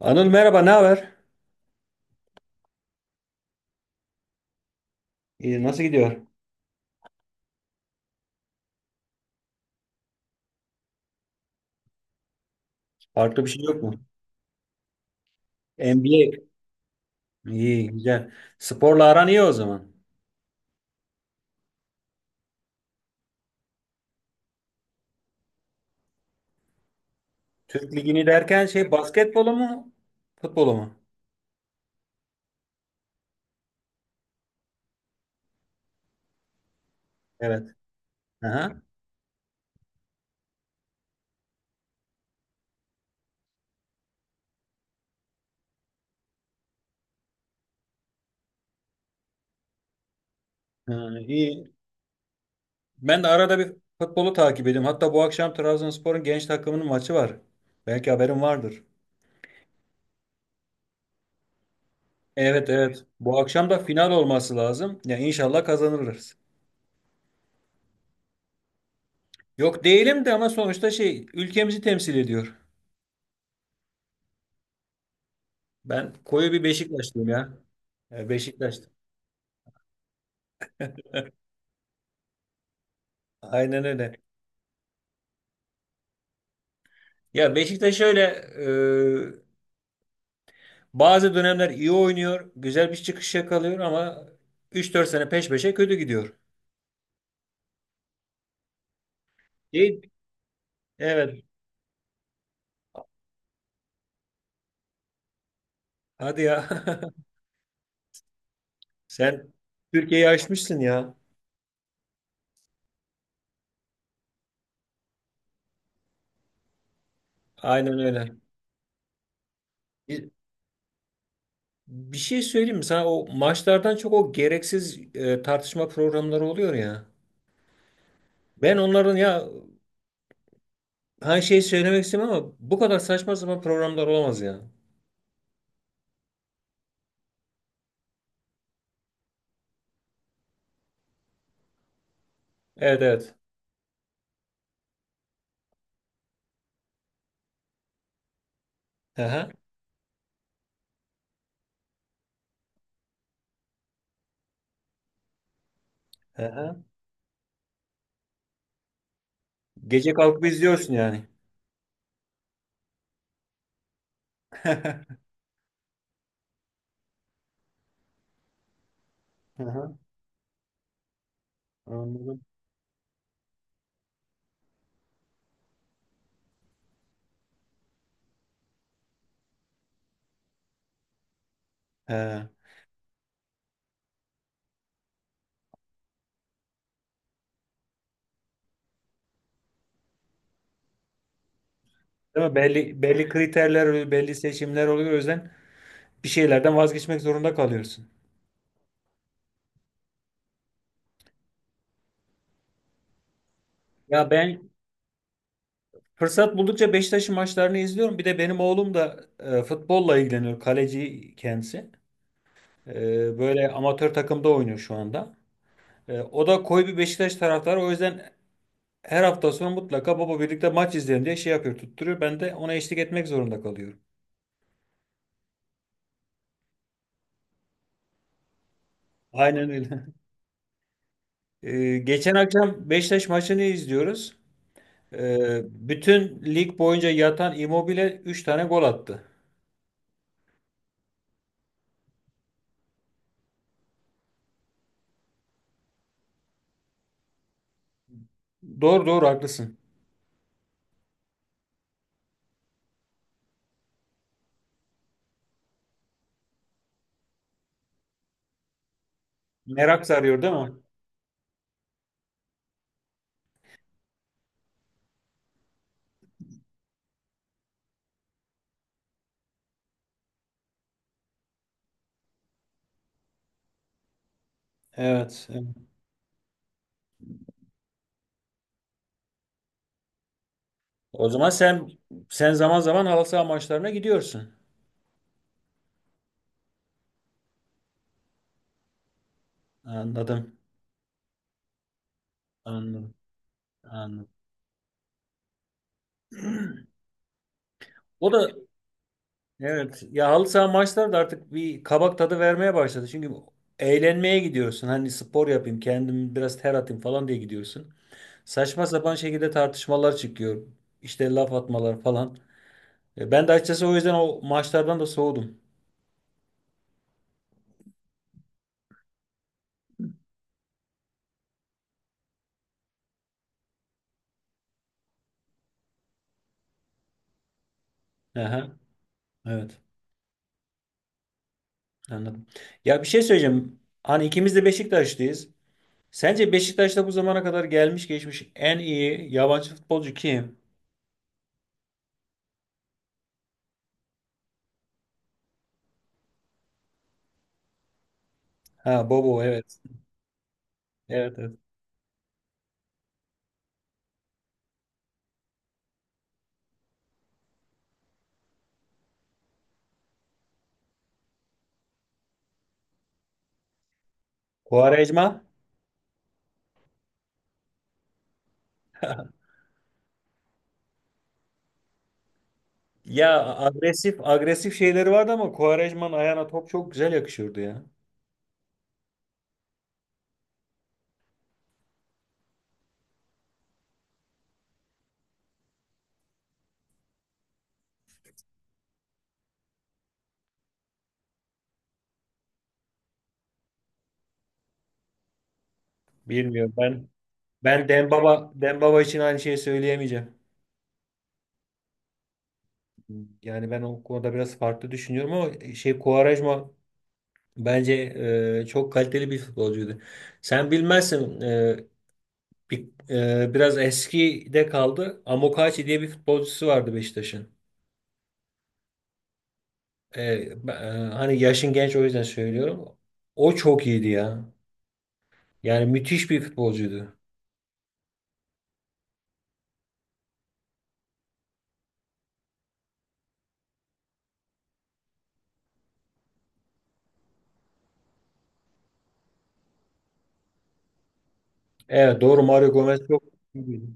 Anıl merhaba, ne haber? İyi, nasıl gidiyor? Farklı bir şey yok mu? NBA. İyi, güzel. Sporla aran iyi o zaman. Türk Ligi'ni derken şey basketbolu mu, futbolu mu? Evet. Aha. Ha, iyi. Ben de arada bir futbolu takip ediyorum. Hatta bu akşam Trabzonspor'un genç takımının maçı var. Belki haberin vardır. Evet, evet. Bu akşam da final olması lazım. Ya inşallah kazanırız. Yok değilim de ama sonuçta şey ülkemizi temsil ediyor. Ben koyu bir Beşiktaşlıyım ya. Beşiktaş. Aynen öyle. Ya Beşiktaş şöyle e, bazı dönemler iyi oynuyor, güzel bir çıkış yakalıyor ama üç dört sene peş peşe kötü gidiyor. Değil. Evet. Hadi ya. Sen Türkiye'yi aşmışsın ya. Aynen öyle. Bir, bir şey söyleyeyim mi sana? O maçlardan çok o gereksiz tartışma programları oluyor ya. Ben onların ya her şeyi söylemek istemem ama bu kadar saçma sapan programlar olamaz ya. Evet, evet. Aha, aha. Gece kalkıp izliyorsun yani. Hı hı, anladım. He. Değil mi? Belli, belli kriterler oluyor, belli seçimler oluyor. O yüzden bir şeylerden vazgeçmek zorunda kalıyorsun. Ya ben fırsat buldukça Beşiktaş'ın maçlarını izliyorum. Bir de benim oğlum da futbolla ilgileniyor. Kaleci kendisi. Böyle amatör takımda oynuyor şu anda. O da koyu bir Beşiktaş taraftarı. O yüzden her hafta sonu mutlaka baba birlikte maç izleyelim diye şey yapıyor, tutturuyor. Ben de ona eşlik etmek zorunda kalıyorum. Aynen öyle. Geçen akşam Beşiktaş maçını izliyoruz. Bütün lig boyunca yatan Immobile 3 tane gol attı. Doğru doğru haklısın. Merak sarıyor değil mi? Evet, evet. O zaman sen zaman zaman halı saha maçlarına gidiyorsun. Anladım. Anladım. Anladım. O da evet ya, halı saha maçları da artık bir kabak tadı vermeye başladı. Çünkü eğlenmeye gidiyorsun. Hani spor yapayım, kendimi biraz ter atayım falan diye gidiyorsun. Saçma sapan şekilde tartışmalar çıkıyor. İşte laf atmalar falan. Ben de açıkçası o yüzden o maçlardan da soğudum. Aha, evet, anladım. Ya bir şey söyleyeceğim. Hani ikimiz de Beşiktaşlıyız. Sence Beşiktaş'ta bu zamana kadar gelmiş geçmiş en iyi yabancı futbolcu kim? Ha, Bobo, evet. Evet, evet. Quaresma. Ya agresif agresif şeyleri vardı ama Quaresma'nın ayağına top çok güzel yakışıyordu ya. Bilmiyorum, ben Dembaba için aynı şeyi söyleyemeyeceğim. Yani ben o konuda biraz farklı düşünüyorum ama şey, Quaresma, bence çok kaliteli bir futbolcuydu. Sen bilmezsin, bir, biraz eskide kaldı. Amokachi diye bir futbolcusu vardı Beşiktaş'ın. Hani yaşın genç o yüzden söylüyorum. O çok iyiydi ya. Yani müthiş bir futbolcuydu. Evet, doğru, Mario Gomez çok iyiydi.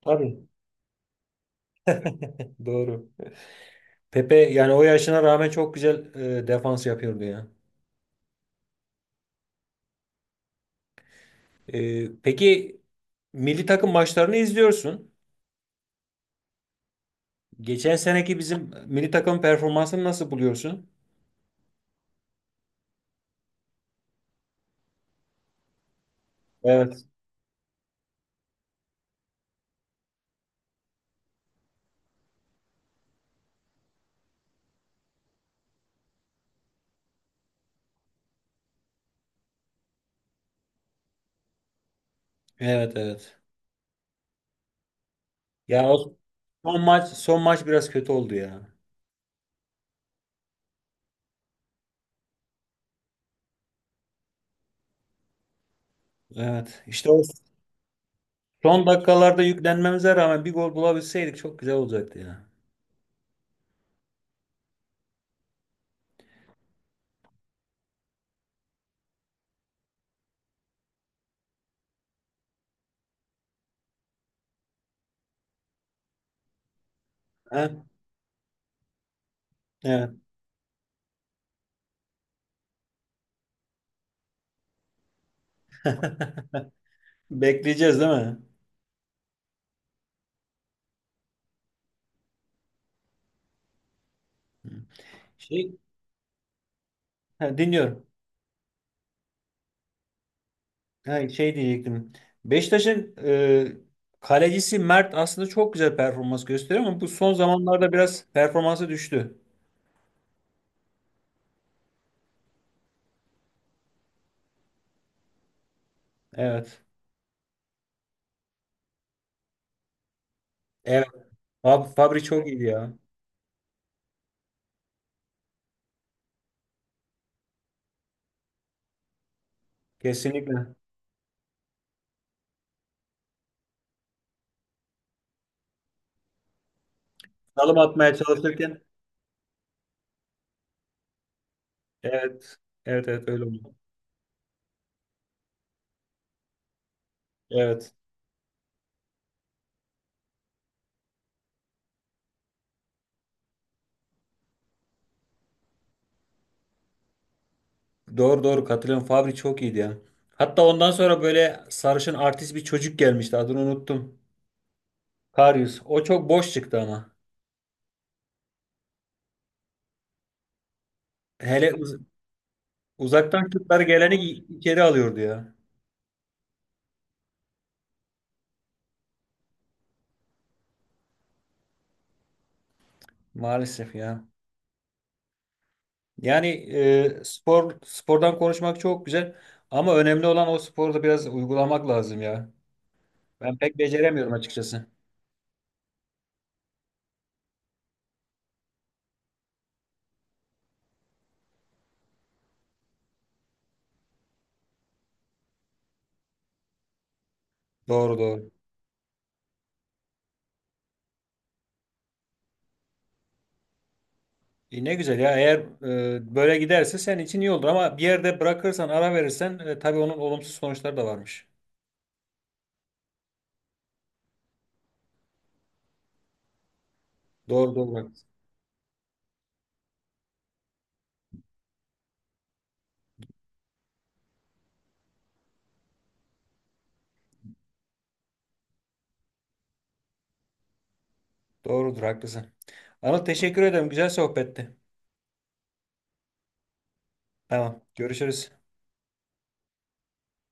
Tabii, doğru. Pepe yani o yaşına rağmen çok güzel defans yapıyordu ya. Peki milli takım maçlarını izliyorsun. Geçen seneki bizim milli takım performansını nasıl buluyorsun? Evet. Evet, evet. Ya o son maç, son maç biraz kötü oldu ya. Evet. İşte o son dakikalarda yüklenmemize rağmen bir gol bulabilseydik çok güzel olacaktı ya. Ha? Evet. Bekleyeceğiz değil mi? Şey, ha, dinliyorum. Ha, şey diyecektim. Beşiktaş'ın kalecisi Mert aslında çok güzel performans gösteriyor ama bu son zamanlarda biraz performansı düştü. Evet. Evet. Abi Fabri çok iyiydi ya. Kesinlikle. Salım atmaya çalışırken, evet. Evet, evet, öyle oldu. Evet. Doğru doğru katılıyorum. Fabri çok iyiydi ya. Hatta ondan sonra böyle sarışın artist bir çocuk gelmişti. Adını unuttum. Karius. O çok boş çıktı ama. Hele uzaktan şutları geleni içeri alıyordu ya. Maalesef ya. Yani spor spordan konuşmak çok güzel ama önemli olan o sporda biraz uygulamak lazım ya. Ben pek beceremiyorum açıkçası. Doğru doğru. Ne güzel ya, eğer böyle giderse senin için iyi olur ama bir yerde bırakırsan, ara verirsen, tabii onun olumsuz sonuçları da varmış. Doğru doğru. Doğrudur, haklısın. Anıl, teşekkür ederim, güzel sohbetti. Tamam, görüşürüz.